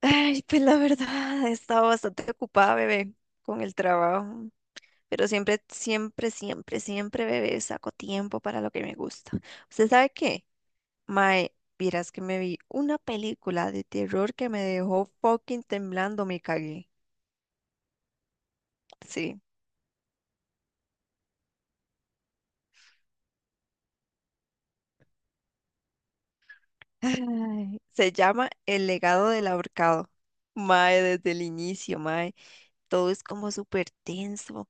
Ay, pues la verdad, he estado bastante ocupada, bebé, con el trabajo, pero siempre, siempre, siempre, siempre, bebé, saco tiempo para lo que me gusta. ¿Usted sabe qué? Mae, vieras que me vi una película de terror que me dejó fucking temblando, me cagué. Sí. Ay, se llama El legado del ahorcado. Mae, desde el inicio, mae, todo es como súper tenso.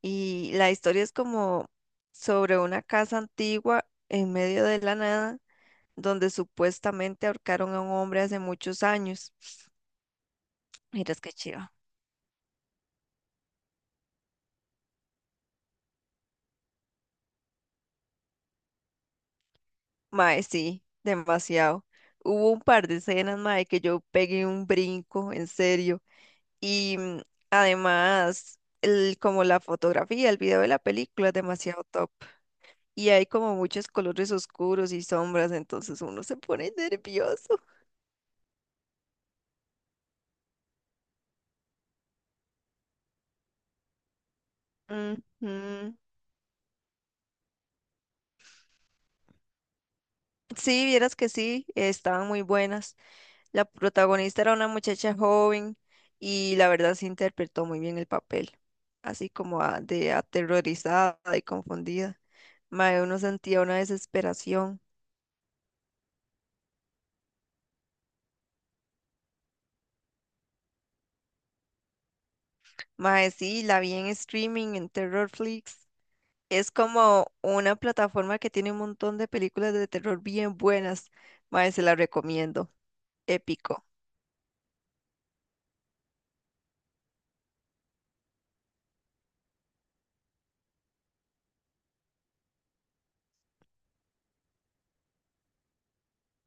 Y la historia es como sobre una casa antigua en medio de la nada, donde supuestamente ahorcaron a un hombre hace muchos años. Miras qué chiva. Mae, sí, demasiado. Hubo un par de escenas, mae, que yo pegué un brinco, en serio. Y además, el, como la fotografía, el video de la película es demasiado top. Y hay como muchos colores oscuros y sombras, entonces uno se pone nervioso. Ujú. Sí, vieras que sí, estaban muy buenas. La protagonista era una muchacha joven y la verdad se interpretó muy bien el papel, así como de aterrorizada y confundida. Mae, uno sentía una desesperación. Mae, sí, la vi en streaming en Terrorflix. Es como una plataforma que tiene un montón de películas de terror bien buenas. Mae, se la recomiendo. Épico.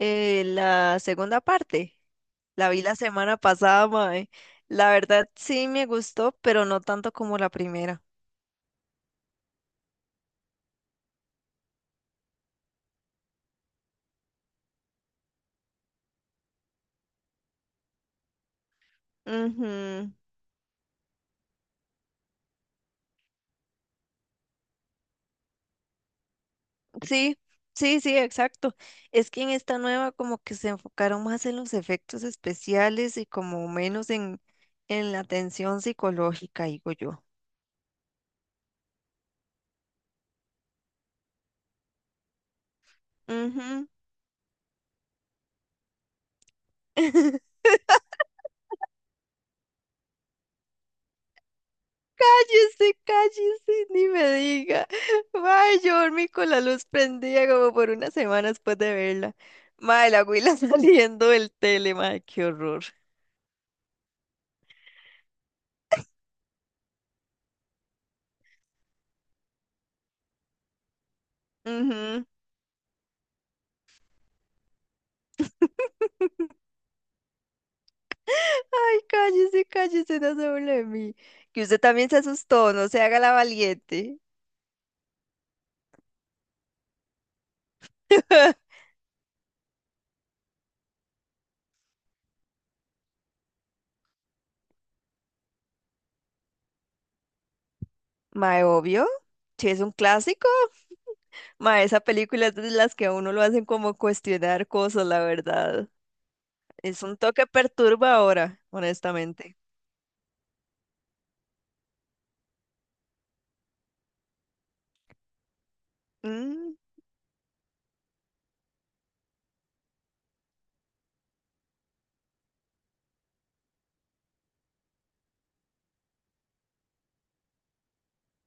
La segunda parte, la vi la semana pasada, mae. La verdad sí me gustó, pero no tanto como la primera. Ujú. Sí, sí, sí, exacto. Es que en esta nueva como que se enfocaron más en los efectos especiales y como menos en la tensión psicológica, digo yo. Ujú. Cállese, cállese, ni me diga. Mae, yo dormí con la luz prendida como por una semana después de verla. Mae, la huila saliendo del tele, mae, qué horror. Ujú. Ay, cállese, cállese, no se burle de mí. Que usted también se asustó, no se haga la valiente. Mae, obvio. Si es un clásico. Ma, esa película es de las que a uno lo hacen como cuestionar cosas, la verdad. Es un toque perturbadora, honestamente. Mm,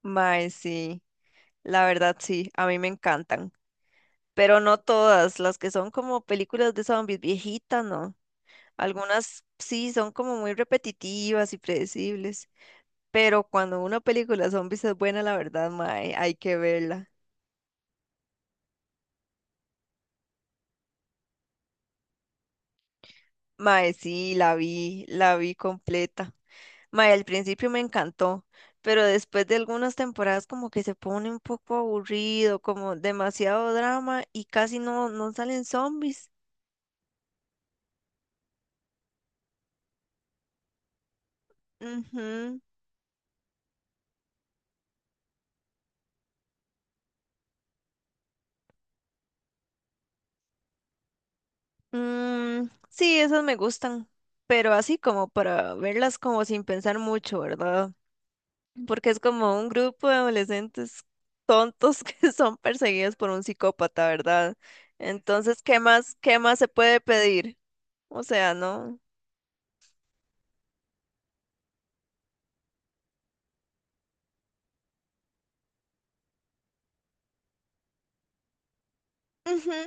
mae, sí. La verdad, sí, a mí me encantan, pero no todas, las que son como películas de zombies viejitas, no. Algunas sí son como muy repetitivas y predecibles, pero cuando una película de zombies es buena, la verdad, mae, hay que verla. Mae, sí, la vi completa. Mae, al principio me encantó, pero después de algunas temporadas como que se pone un poco aburrido, como demasiado drama y casi no, no salen zombies. Ujú. Mm, sí, esas me gustan, pero así como para verlas como sin pensar mucho, ¿verdad? Porque es como un grupo de adolescentes tontos que son perseguidos por un psicópata, ¿verdad? Entonces, qué más se puede pedir? O sea, ¿no? Ujú.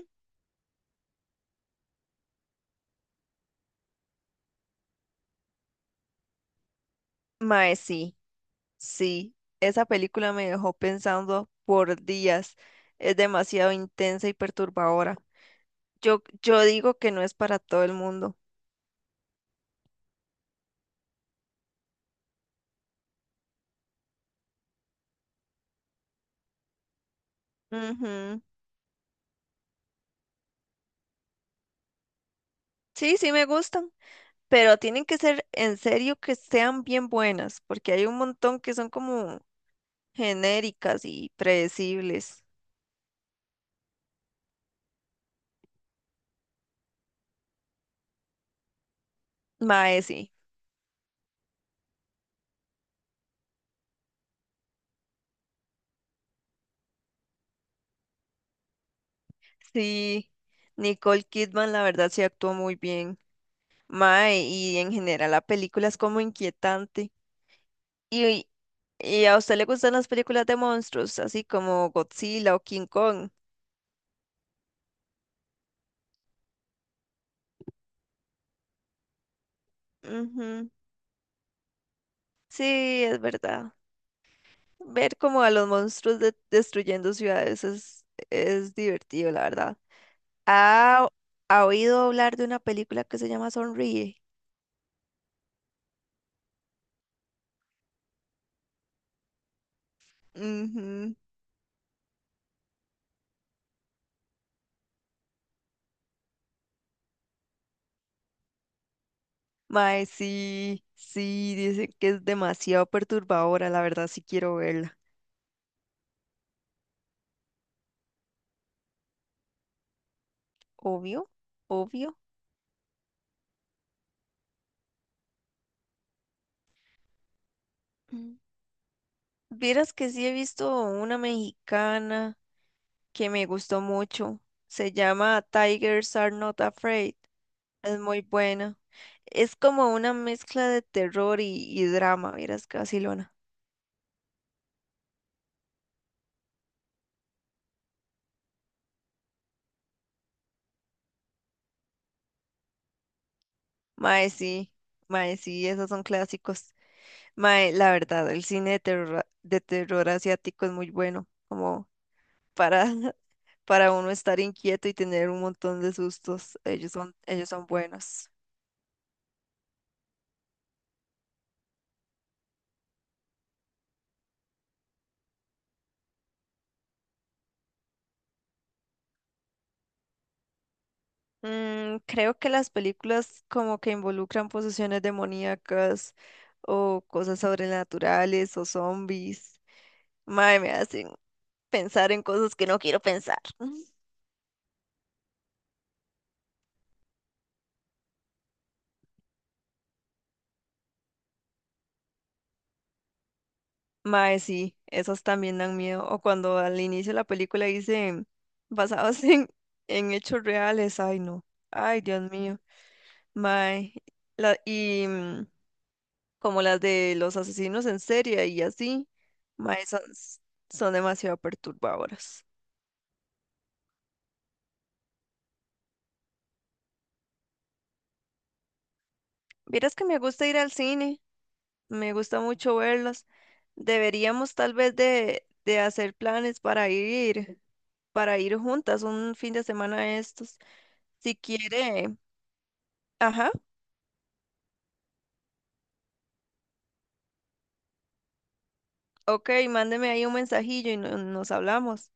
Mae, sí, sí, esa película me dejó pensando por días. Es demasiado intensa y perturbadora. Yo digo que no es para todo el mundo. Ujú. Sí, sí me gustan. Pero tienen que ser en serio que sean bien buenas, porque hay un montón que son como genéricas y predecibles. Mae, sí. Sí, Nicole Kidman, la verdad, sí actuó muy bien. Mae, y en general la película es como inquietante. Y, y a usted le gustan las películas de monstruos, así como Godzilla o King Kong. Ujú, sí, es verdad. Ver como a los monstruos destruyendo ciudades es divertido, la verdad. ¿Ha, ha oído hablar de una película que se llama Sonríe? Ujú. Mae, sí, sí, dicen que es demasiado perturbadora, la verdad sí quiero verla. Obvio, obvio. Mm. Vieras que sí he visto una mexicana que me gustó mucho. Se llama Tigers Are Not Afraid. Es muy buena. Es como una mezcla de terror y drama, vieras que vacilona. Mae, sí, mae, sí, esos son clásicos. Mae, la verdad, el cine de terror asiático es muy bueno, como para, para uno estar inquieto y tener un montón de sustos. Ellos son buenos. Mm, creo que las películas como que involucran posesiones demoníacas o cosas sobrenaturales o zombies. Mae, me hacen pensar en cosas que no quiero pensar. Mae, sí, esas también dan miedo. O cuando al inicio de la película dicen basados en hechos reales. Ay, no. Ay, Dios mío. Mae. La, y como las de los asesinos en serie y así. Mae, son, son demasiado perturbadoras. Vieras que me gusta ir al cine. Me gusta mucho verlas. Deberíamos tal vez de hacer planes para ir juntas un fin de semana a estos. Si quiere. Ajá. Ok, mándeme ahí un mensajillo y nos hablamos.